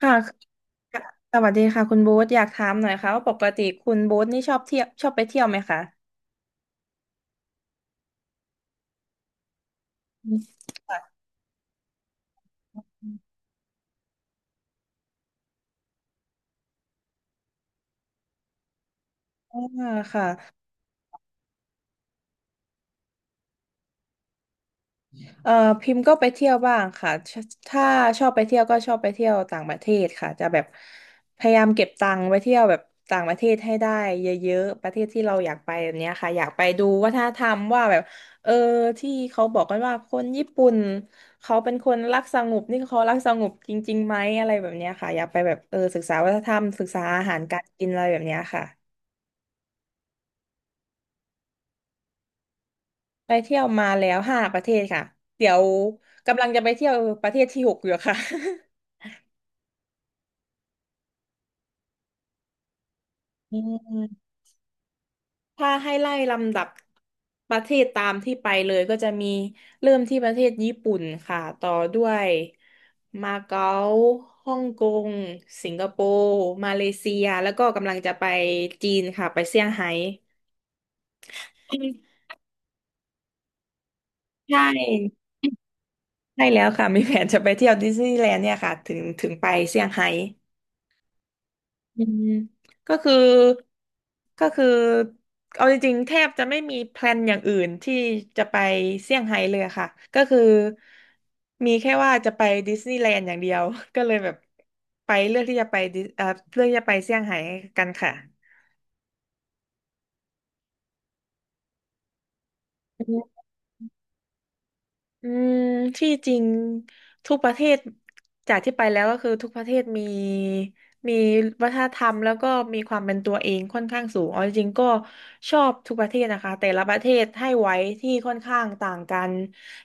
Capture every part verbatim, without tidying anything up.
ค่ะค่ะสวัสดีค่ะคุณโบ๊ทอยากถามหน่อยค่ะว่าปกติคุณโบ๊ทนี่ชอบเที่ยวชอบไปเที่ยวไหมคะอืมอ่าค่ะ เอ่อพิมพ์ก็ไปเที่ยวบ้างค่ะชถ้าชอบไปเที่ยวก็ชอบไปเที่ยวต่างประเทศค่ะจะแบบพยายามเก็บตังค์ไปเที่ยวแบบต่างประเทศให้ได้เยอะๆประเทศที่เราอยากไปแบบเนี้ยค่ะอยากไปดูวัฒนธรรมว่าแบบเออที่เขาบอกกันว่าคนญี่ปุ่นเขาเป็นคนรักสงบนี่เขารักสงบจริงๆไหมอะไรแบบเนี้ยค่ะอยากไปแบบเออศึกษาวัฒนธรรมศึกษาอาหารการกินอะไรแบบเนี้ยค่ะไปเที่ยวมาแล้วห้าประเทศค่ะเดี๋ยวกำลังจะไปเที่ยวประเทศที่หกอยู่ค่ะ อืม ถ้าให้ไล่ลำดับประเทศตามที่ไปเลยก็จะมีเริ่มที่ประเทศญี่ปุ่นค่ะต่อด้วยมาเก๊าฮ่องกงสิงคโปร์มาเลเซียแล้วก็กำลังจะไปจีนค่ะไปเซี่ยงไฮ้ใช่ใช่แล้วค่ะมีแผนจะไปเที่ยวดิสนีย์แลนด์เนี่ยค่ะถึงถึงไปเซี่ยงไฮ้ อืมก็คือก็คือเอาจริงๆแทบจะไม่มีแพลนอย่างอื่นที่จะไปเซี่ยงไฮ้เลยค่ะก็คือมีแค่ว่าจะไปดิสนีย์แลนด์อย่างเดียว ก็เลยแบบไปเลือกที่จะไปดิสเอ่อเลือกที่จะไปเซี่ยงไฮ้กันค่ะ อืมที่จริงทุกประเทศจากที่ไปแล้วก็คือทุกประเทศมีมีวัฒนธรรมแล้วก็มีความเป็นตัวเองค่อนข้างสูงเอาจริงๆก็ชอบทุกประเทศนะคะแต่ละประเทศให้ไว้ที่ค่อนข้างต่างกัน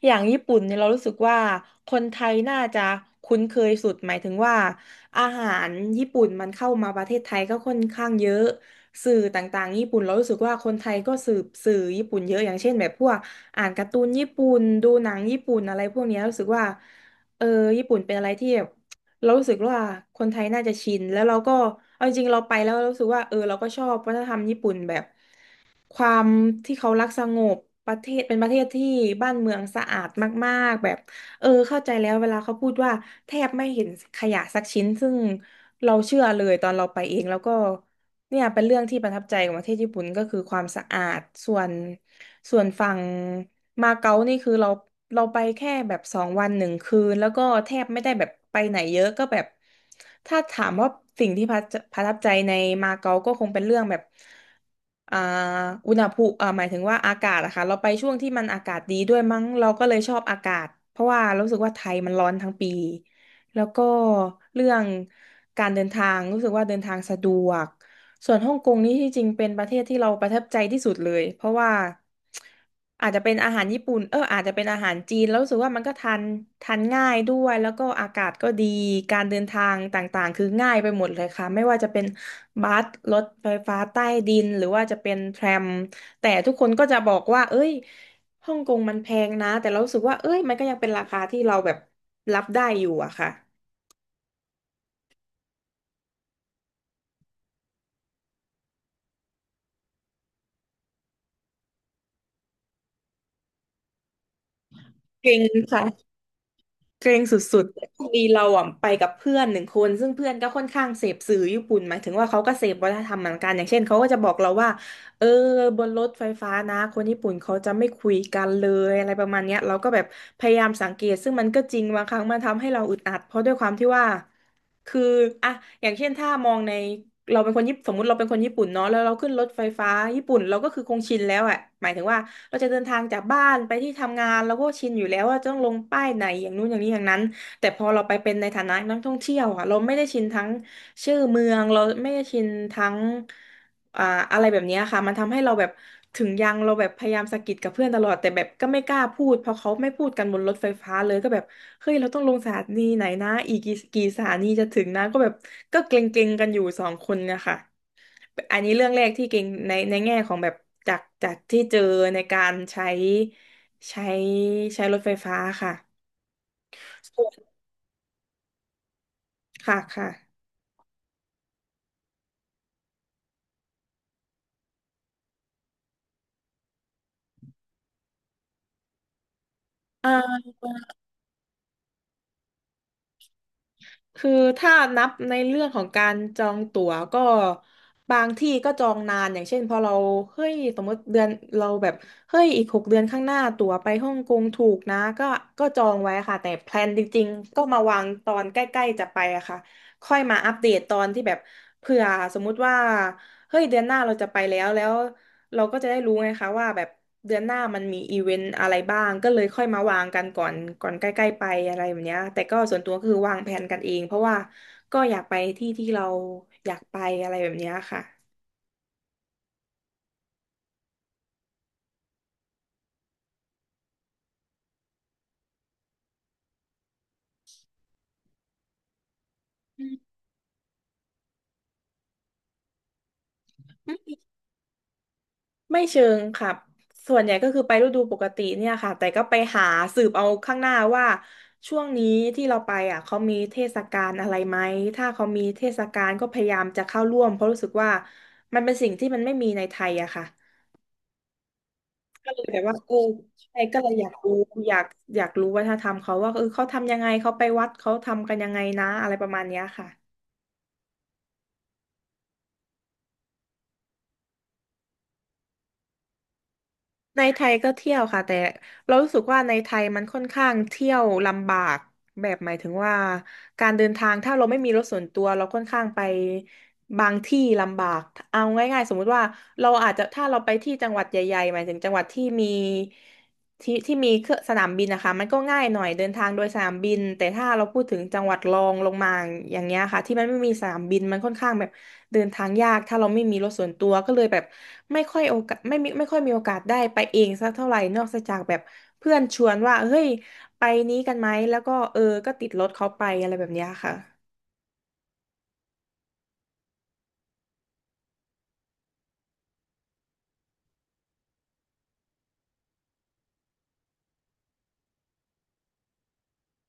อย่างญี่ปุ่นเนี่ยเรารู้สึกว่าคนไทยน่าจะคุ้นเคยสุดหมายถึงว่าอาหารญี่ปุ่นมันเข้ามาประเทศไทยก็ค่อนข้างเยอะสื่อต่างๆญี่ปุ่นเรารู้สึกว่าคนไทยก็สืบสื่อญี่ปุ่นเยอะอย่างเช่นแบบพวก อ่านการ์ตูนญี่ปุ่นดูหนังญี่ปุ่นอะไรพวกเนี้ยรู้สึกว่าเออญี่ปุ่นเป็นอะไรที่แบบเรารู้สึกว่าคนไทยน่าจะชินแล้วเราก็เอาจริงๆเราไปแล้วเรารู้สึกว่าเออเราก็ชอบวัฒนธรรมญี่ปุ่นแบบความที่เขารักสงบประเทศเป็นประเทศที่บ้านเมืองสะอาดมากๆแบบเออเข้าใจแล้วเวลาเขาพูดว่าแทบไม่เห็นขยะสักชิ้นซึ่งเราเชื่อเลยตอนเราไปเองแล้วก็ เนี่ยเป็นเรื่องที่ประทับใจของประเทศญี่ปุ่นก็คือความสะอาดส่วนส่วนฝั่งมาเก๊านี่คือเราเราไปแค่แบบสองวันหนึ่งคืนแล้วก็แทบไม่ได้แบบไปไหนเยอะก็แบบถ้าถามว่าสิ่งที่ประประทับใจในมาเก๊าก็คงเป็นเรื่องแบบอ่าอุณหภูมิอ่าหมายถึงว่าอากาศอะค่ะเราไปช่วงที่มันอากาศดีด้วยมั้งเราก็เลยชอบอากาศเพราะว่ารู้สึกว่าไทยมันร้อนทั้งปีแล้วก็เรื่องการเดินทางรู้สึกว่าเดินทางสะดวก ส่วนฮ่องกงนี่ที่จริงเป็นประเทศที่เราประทับใจที่สุดเลยเพราะว่าอาจจะเป็นอาหารญี่ปุ่นเอออาจจะเป็นอาหารจีนแล้วรู้สึกว่ามันก็ทานทานง่ายด้วยแล้วก็อากาศก็ดีการเดินทางต่างๆคือง่ายไปหมดเลยค่ะไม่ว่าจะเป็นบัสรถไฟฟ้าใต้ดินหรือว่าจะเป็นแทรมแต่ทุกคนก็จะบอกว่าเอ้ยฮ่องกงมันแพงนะแต่เรารู้สึกว่าเอ้ยมันก็ยังเป็นราคาที่เราแบบรับได้อยู่อะค่ะเก่งค่ะ เกรงสุดๆแต่พอดีเราอ่ะไปกับเพื่อนหนึ่งคนซึ่งเพื่อนก็ค่อนข้างเสพสื่อญี่ปุ่นหมายถึงว่าเขาก็เสพวัฒนธรรมเหมือนกันอย่างเช่นเขาก็จะบอกเราว่าเออบนรถไฟฟ้านะคนญี่ปุ่นเขาจะไม่คุยกันเลยอะไรประมาณเนี้ยเราก็แบบพยายามสังเกตซึ่งมันก็จริงบางครั้งมันทำให้เราอึดอัดเพราะด้วยความที่ว่า คืออะอย่างเช่นถ้ามองในเราเป็นคนญี่ปุ่นสมมติเราเป็นคนญี่ปุ่นเนาะแล้วเราขึ้นรถไฟฟ้าญี่ปุ่นเราก็คือคงชินแล้วอะหมายถึงว่าเราจะเดินทางจากบ้านไปที่ทำงานเราก็ชินอยู่แล้วว่าจะต้องลงป้ายไหนอย่างนู้นอย่างนี้อย่างนั้นแต่พอเราไปเป็นในฐานะนักท่องเที่ยวอะเราไม่ได้ชินทั้งชื่อเมืองเราไม่ได้ชินทั้ง อ่าอะไรแบบเนี้ยค่ะมันทำให้เราแบบถึงยังเราแบบพยายามสะกิดกับเพื่อนตลอดแต่แบบก็ไม่กล้าพูดเพราะเขาไม่พูดกันบนรถไฟฟ้าเลยก็แบบเฮ้ยเราต้องลงสถานีไหนนะอีกกี่กี่สถานีจะถึงนะก็แบบก็เกรงๆกันอยู่สองคนเนะคะอันนี้เรื่องแรกที่เกรงในในแง่ของแบบจากจากที่เจอในการใช้ใช้ใช้รถไฟฟ้าค่ะส่วนค่ะค่ะเอ่อ คือถ้านับในเรื่องของการจองตั๋วก็บางที่ก็จองนานอย่างเช่นพอเราเฮ้ยสมมติเดือนเราแบบเฮ้ยอีกหกเดือนข้างหน้าตั๋วไปฮ่องกงถูกนะก็ก็จองไว้ค่ะแต่แพลนจริงๆก็มาวางตอนใกล้ๆจะไปอะค่ะค่อยมาอัปเดตตอนที่แบบเผื่อสมมุติว่าเฮ้ยเดือนหน้าเราจะไปแล้วแล้ว เราก็จะได้รู้ไงคะว่าแบบเดือนหน้ามันมีอีเวนต์อะไรบ้างก็เลยค่อยมาวางกันก่อนก่อนใกล้ๆไปอะไรแบบเนี้ยแต่ก็ส่วนตัวก็คือวางแผนกันเองเพราะว่าก็อยากไปที่ที่เราอยากไปอะไรแบบเนี้ยค่ะอืมไม่เชิงค่ะส่วนใหญ่ก็คือไปฤดูปกติเนี่ยค่ะแต่ก็ไปหาสืบเอาข้างหน้าว่าช่วงนี้ที่เราไปอ่ะเขามีเทศกาลอะไรไหมถ้าเขามีเทศกาลก็พยายามจะเข้าร่วมเพราะรู้สึกว่ามันเป็นสิ่งที่มันไม่มีในไทยอะค่ะ ก็เลยแบบว่าเออใช่ก็เลยอยากรู้อยากอยากรู้วัฒนธรรมเขาว่าเออเขาทำยังไงเขาไปวัดเขาทำกันยังไงนะอะไรประมาณเนี้ยค่ะในไทยก็เที่ยวค่ะแต่เรารู้สึกว่าในไทยมันค่อนข้างเที่ยวลำบากแบบหมายถึงว่าการเดินทางถ้าเราไม่มีรถส่วนตัวเราค่อนข้างไปบางที่ลำบากเอาง่ายๆสมมุติว่าเราอาจจะถ้าเราไปที่จังหวัดใหญ่ๆหมายถึงจังหวัดที่มี ที่ที่มีเครื่องสนามบินนะคะมันก็ง่ายหน่อยเดินทางโดยสนามบินแต่ถ้าเราพูดถึงจังหวัดรองลงมาอย่างเงี้ยค่ะที่มันไม่มีสนามบินมันค่อนข้างแบบเดินทางยากถ้าเราไม่มีรถส่วนตัวก็เลยแบบไม่ค่อยโอกาสไม่มีไม่ค่อยมีโอกาสได้ไปเองสักเท่าไหร่นอกจากแบบเพื่อนชวนว่าเฮ้ยไปนี้กันไหมแล้วก็เออก็ติดรถเขาไปอะไรแบบเนี้ยค่ะ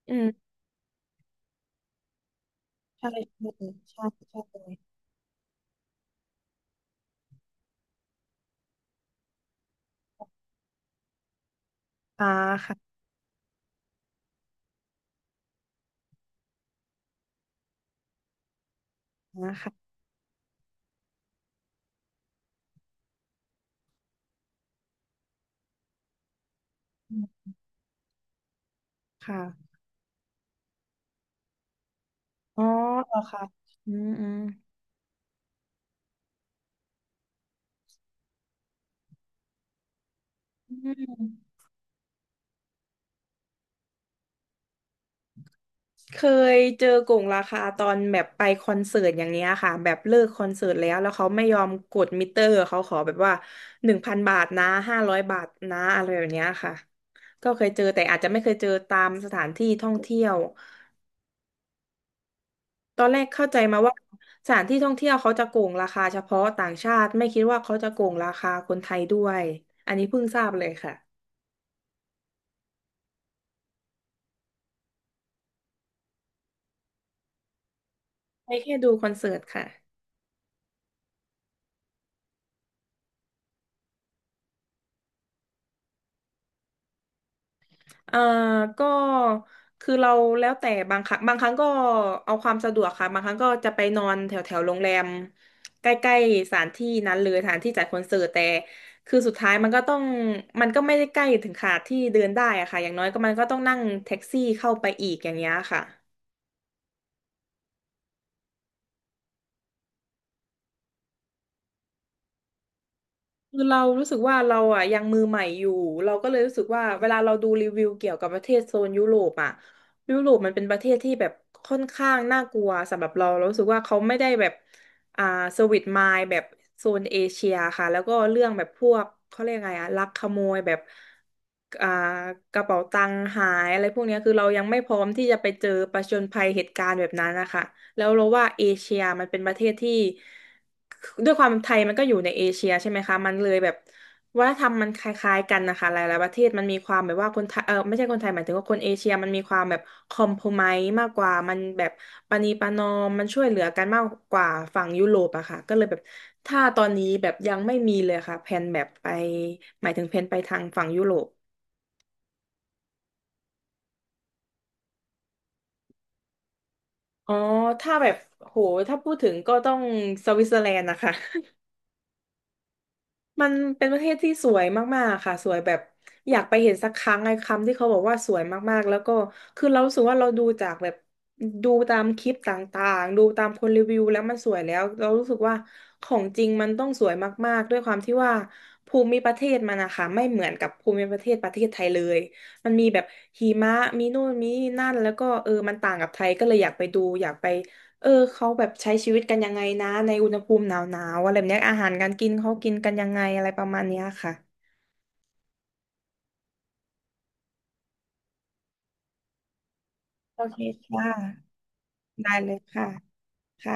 อืมใช่ใช่ใช่ใช่อ่าค่ะอ่าค่ะอืมค่ะอ๋อเหรอค่ะอืมอืมอืม เคยเจอกงราคาตอนแบบไปคอนเสิร์ตอย่างเนี้ยค่ะแบบเลิกคอนเสิร์ตแล้วแล้วเขาไม่ยอมกดมิเตอร์เขาขอแบบว่าหนึ่งพันบาทนะห้าร้อยบาทนะอะไรแบบเนี้ยค่ะก็เคยเจอแต่อาจจะไม่เคยเจอตามสถานที่ท่องเที่ยวตอนแรกเข้าใจมาว่าสถานที่ท่องเที่ยวเขาจะโกงราคาเฉพาะต่างชาติไม่คิดว่าเขาจะโกงราคาคนไทยด้วยอันนี้เพิ่งทราบเลยค่ะไปแค่ดูคอนเสิร์ตค่ะ เอ่อก็คือเราแล้วแต่บางครั้งบางครั้งก็เอาความสะดวกค่ะบางครั้งก็จะไปนอนแถวแถวโรงแรมใกล้ๆสถานที่นั้นเลยสถานที่จัดคอนเสิร์ตแต่คือสุดท้ายมันก็ต้องมันก็ไม่ได้ใกล้ถึงขนาดที่เดินได้อะค่ะอย่างน้อยก็มันก็ต้องนั่งแท็กซี่เข้าไปอีกอย่างเงี้ยค่ะ คือเรารู้สึกว่าเราอ่ะยังมือใหม่อยู่เราก็เลยรู้สึกว่าเวลาเราดูรีวิวเกี่ยวกับประเทศโซนยุโรปอ่ะยุโรปมันเป็นประเทศที่แบบค่อนข้างน่ากลัวสำหรับเราเรารู้สึกว่าเขาไม่ได้แบบอ่าสวิตมายแบบโซนเอเชียค่ะแล้วก็เรื่องแบบพวกเขาเรียกไงอ่ะลักขโมยแบบอ่ากระเป๋าตังค์หายอะไรพวกเนี้ยคือเรายังไม่พร้อมที่จะไปเจอประจญภัยเหตุการณ์แบบนั้นนะคะ แล้วเราว่าเอเชียมันเป็นประเทศที่ด้วยความไทยมันก็อยู่ในเอเชียใช่ไหมคะมันเลยแบบวัฒนธรรมมันคล้ายๆกันนะคะหลายๆประเทศมันมีความแบบว่าคนไทยเออไม่ใช่คนไทยหมายถึงว่าคนเอเชียมันมีความแบบคอมโพไมมากกว่ามันแบบปณีประนอมมันช่วยเหลือกันมากกว่าฝั่งยุโรปอะค่ะก็เลยแบบถ้าตอนนี้แบบยังไม่มีเลยค่ะแผนแบบไปหมายถึงแผนไปทางฝั่งยุโรปอ๋อถ้าแบบโหถ้าพูดถึงก็ต้องสวิตเซอร์แลนด์นะคะ มันเป็นประเทศที่สวยมากๆค่ะสวยแบบอยากไปเห็นสักครั้งไอ้คำที่เขาบอกว่าสวยมากๆแล้วก็คือเรารู้สึกว่าเราดูจากแบบดูตามคลิปต่างๆดูตามคนรีวิวแล้วมันสวยแล้วเรารู้สึกว่าของจริงมันต้องสวยมากๆด้วยความที่ว่าภูมิประเทศมันนะคะไม่เหมือนกับภูมิประเทศประเทศไทยเลยมันมีแบบหิมะมีนู่นมีนั่นแล้วก็เออมันต่างกับไทยก็เลยอยากไปดูอยากไป เออเขาแบบใช้ชีวิตกันยังไงนะในอุณหภูมิหนาวๆอะไรแบบเนี้ยอาหารการกินเขากินกันยังไงอะไรประมาณเนี้ยค่ะโอเคค่ะได้เลยค่ะค่ะ